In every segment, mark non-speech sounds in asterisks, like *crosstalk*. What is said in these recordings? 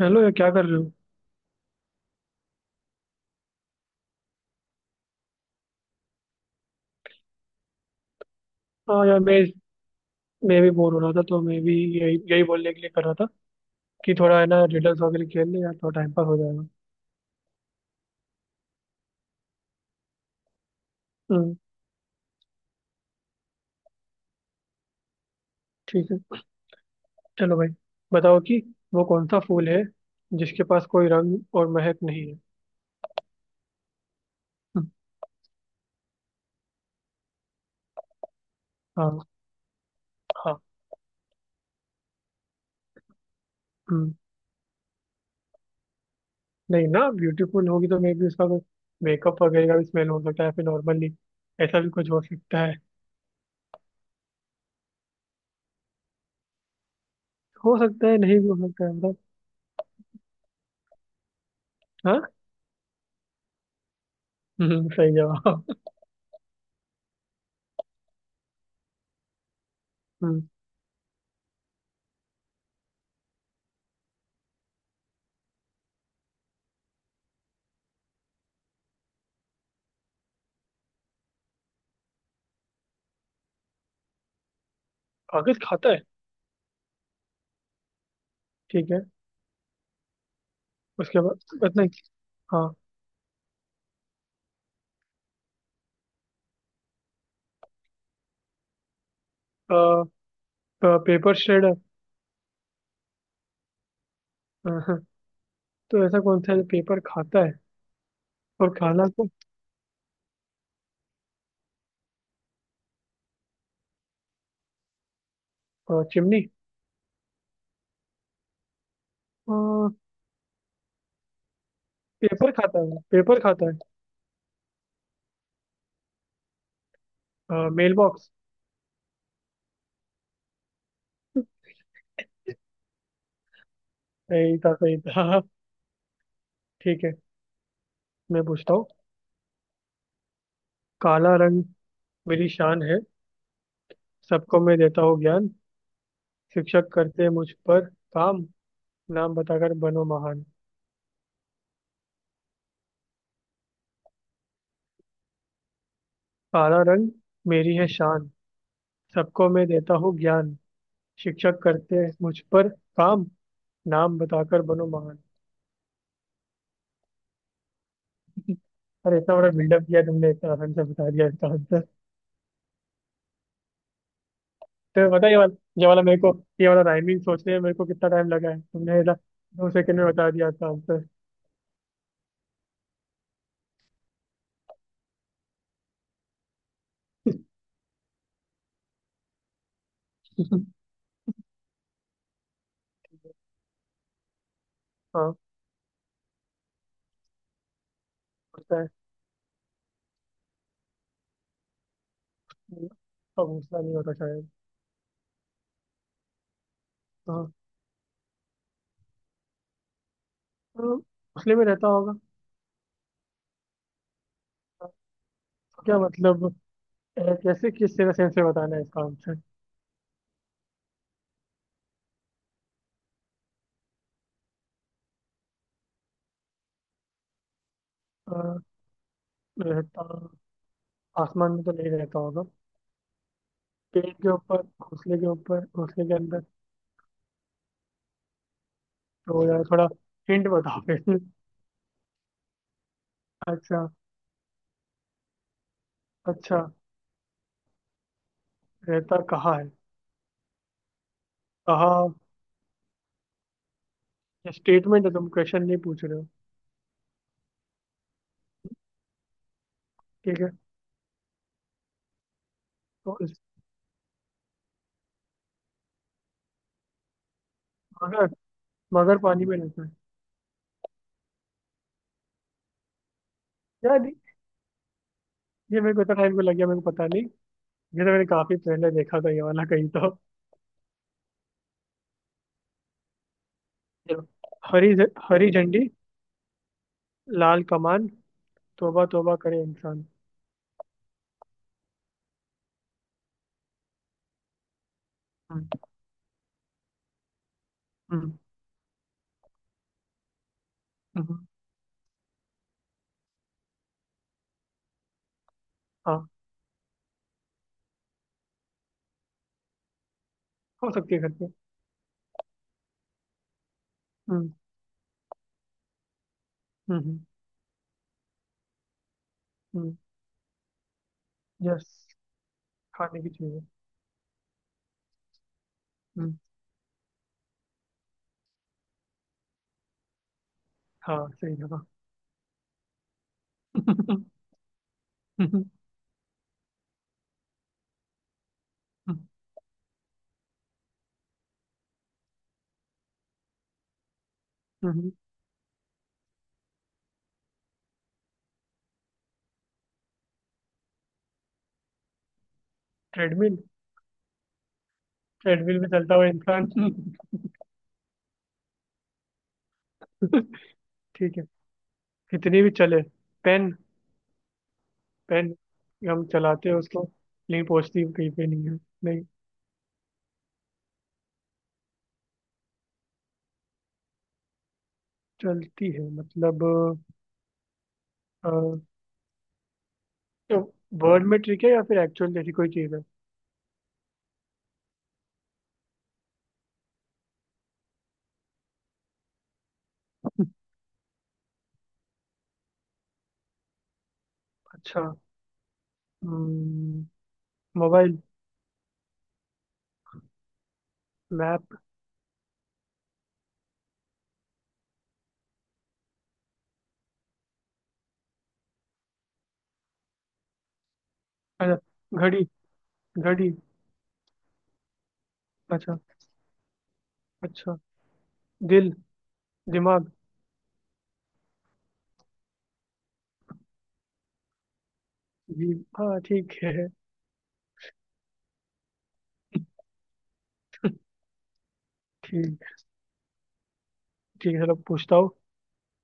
Hello यार, क्या कर रहे हो? हाँ यार, मैं भी बोर हो रहा था तो मैं भी यही यही बोलने के लिए कर रहा था कि थोड़ा है ना, रिडल्स वगैरह खेल ले यार, थोड़ा टाइम पास हो जाएगा। हम्म। ठीक है। चलो भाई। बताओ कि वो कौन सा फूल है जिसके पास कोई रंग और महक नहीं है? हम्म। हाँ, हाँ। हम्म। नहीं ना, ब्यूटीफुल होगी तो मे भी उसका कुछ मेकअप वगैरह का भी स्मेल हो सकता है फिर नॉर्मली। ऐसा भी कुछ हो सकता है। हो सकता है, नहीं भी हो सकता है, मतलब। हाँ। *laughs* सही जवाब। हम्म। कागज खाता है। ठीक है। उसके बाद बस नहीं। हाँ। आ, आ, पेपर श्रेडर। तो ऐसा कौन सा है जो पेपर खाता है? और खाना को? चिमनी। अ, पेपर खाता है, पेपर खाता है, मेल बॉक्स। सही था, सही था। हाँ, हाँ। ठीक है। मैं पूछता हूँ। काला रंग मेरी शान है। सबको मैं देता हूँ ज्ञान। शिक्षक करते मुझ पर काम। नाम बताकर बनो महान। काला रंग मेरी है शान। सबको मैं देता हूँ ज्ञान। शिक्षक करते मुझ पर काम। नाम बताकर बनो महान। अरे, इतना बड़ा बिल्डअप किया तुमने, इतना आसान से बता दिया इसका आंसर। तो पता है ये वाला, ये वाला मेरे को, ये वाला राइमिंग सोचने में मेरे को कितना टाइम लगा है, तुमने इधर 2 सेकंड में बता दिया इसका आंसर। हाँ, होता है। अब घोसला नहीं होता शायद। हाँ। तो घोंसले में रहता होगा। तो क्या मतलब? कैसे, किस तरह सेंस से बताना है इसका आंसर? अ, रहता आसमान में तो नहीं रहता होगा, पेड़ के ऊपर, घोंसले के ऊपर, घोंसले के अंदर। तो यार, थोड़ा हिंट बताओ *laughs* फिर। अच्छा, अच्छा। रहता कहाँ है? कहा स्टेटमेंट है, तुम क्वेश्चन नहीं पूछ रहे हो। ठीक है। तो इस, मगर मगर पानी में रहता है। यार, ये मेरे को इतना टाइम को लग गया, मेरे को पता नहीं। ये तो मैंने काफी पहले देखा था ये वाला कहीं तो। चलो। हरी झंडी, लाल कमान, तौबा तौबा करे इंसान। हम्म। हम्म। हम्म। हाँ। हो सकती है घर पे। हम्म। हम्म। हम्म। यस, खाने की चीज है। हम्म, हाँ, सही जगह। *laughs* ट्रेडमिल। ट्रेडमिल में चलता हुआ इंसान। *laughs* ठीक है। कितनी भी चले, पेन। पेन, हम चलाते हैं उसको, लेकिन पहुंचती कहीं पे नहीं है। नहीं। चलती है, मतलब। अ, तो वर्ड में ट्रिक है, या फिर एक्चुअल जैसी कोई चीज है? अच्छा। हम्म। मोबाइल। मैप। अच्छा, घड़ी, घड़ी। अच्छा। अच्छा। दिल, दिमाग। जी। हाँ, ठीक है। ठीक, ठीक है। चलो, पूछता हूँ।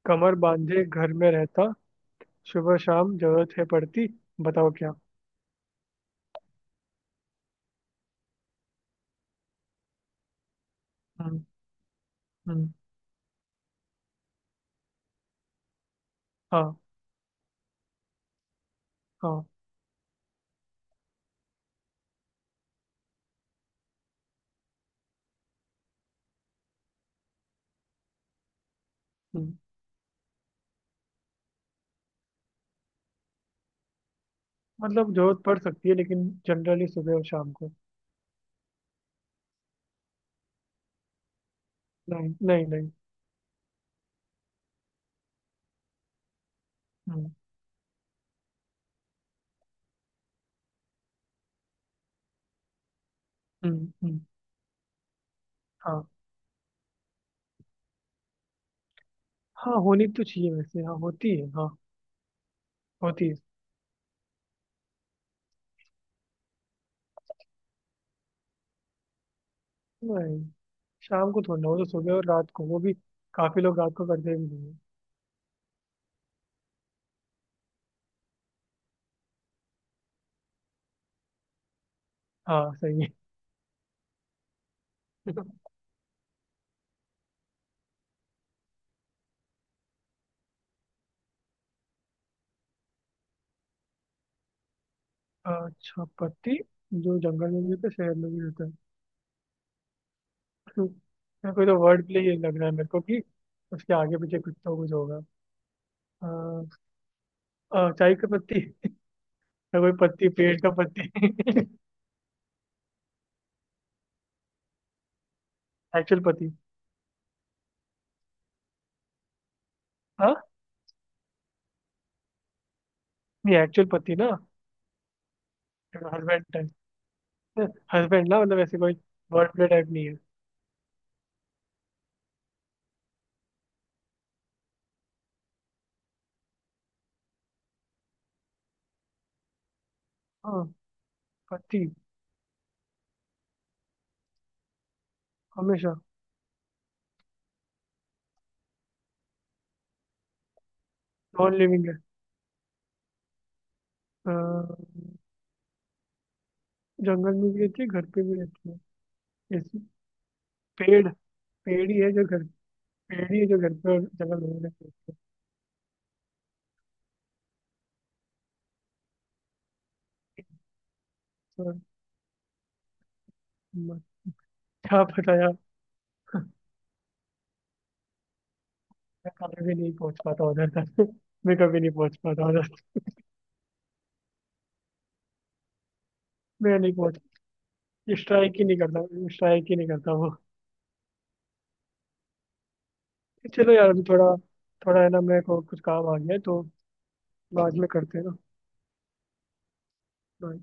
कमर बांधे घर में रहता, सुबह शाम जरूरत है पड़ती, बताओ क्या? हम्म। हम्म। हाँ। हाँ। हम्म। मतलब, जरूरत पड़ सकती है, लेकिन जनरली सुबह और शाम को। नहीं, नहीं, नहीं। हम्म। हम्म। हम्म। हाँ। हाँ, होनी तो चाहिए वैसे, हाँ, होती है, हाँ। होती है। नहीं, शाम को थोड़ा ना, वो तो सुबह और रात को, वो भी काफी लोग रात को करते भी नहीं है। हाँ, सही है। *laughs* अच्छा पति जो जंगल में भी होता है, शहर में भी होता है? यार, कोई तो वर्ड प्ले ही लग रहा है मेरे को कि उसके आगे पीछे कुछ तो कुछ होगा। अ, चाय का पत्ती, *laughs* या कोई पत्ती, पेड़ का पत्ती। *laughs* एक्चुअल पत्ती। हाँ। ये एक्चुअल पति ना, हस्बैंड टाइप। हस्बैंड ना, मतलब ऐसे कोई वर्ड प्ले टाइप नहीं है। हाँ। पति। हमेशा। नॉन लिविंग है। अ, जंगल में भी रहती है, घर पे भी रहती है? जैसे पेड़। पेड़ ही है जो घर। पेड़ ही है जो घर पे और जंगल में रहती है। तो म- क्या पता यार। मैं कभी भी नहीं पहुंच पाता उधर तक। *laughs* मैं कभी नहीं पहुंच पाता उधर तक। मैं नहीं पहुंच, स्ट्राइक ही नहीं करता, स्ट्राइक ही नहीं करता वो। चलो यार, अभी थोड़ा, थोड़ा है ना, मेरे को कुछ काम आ गया है तो बाद में करते हैं ना। Bye.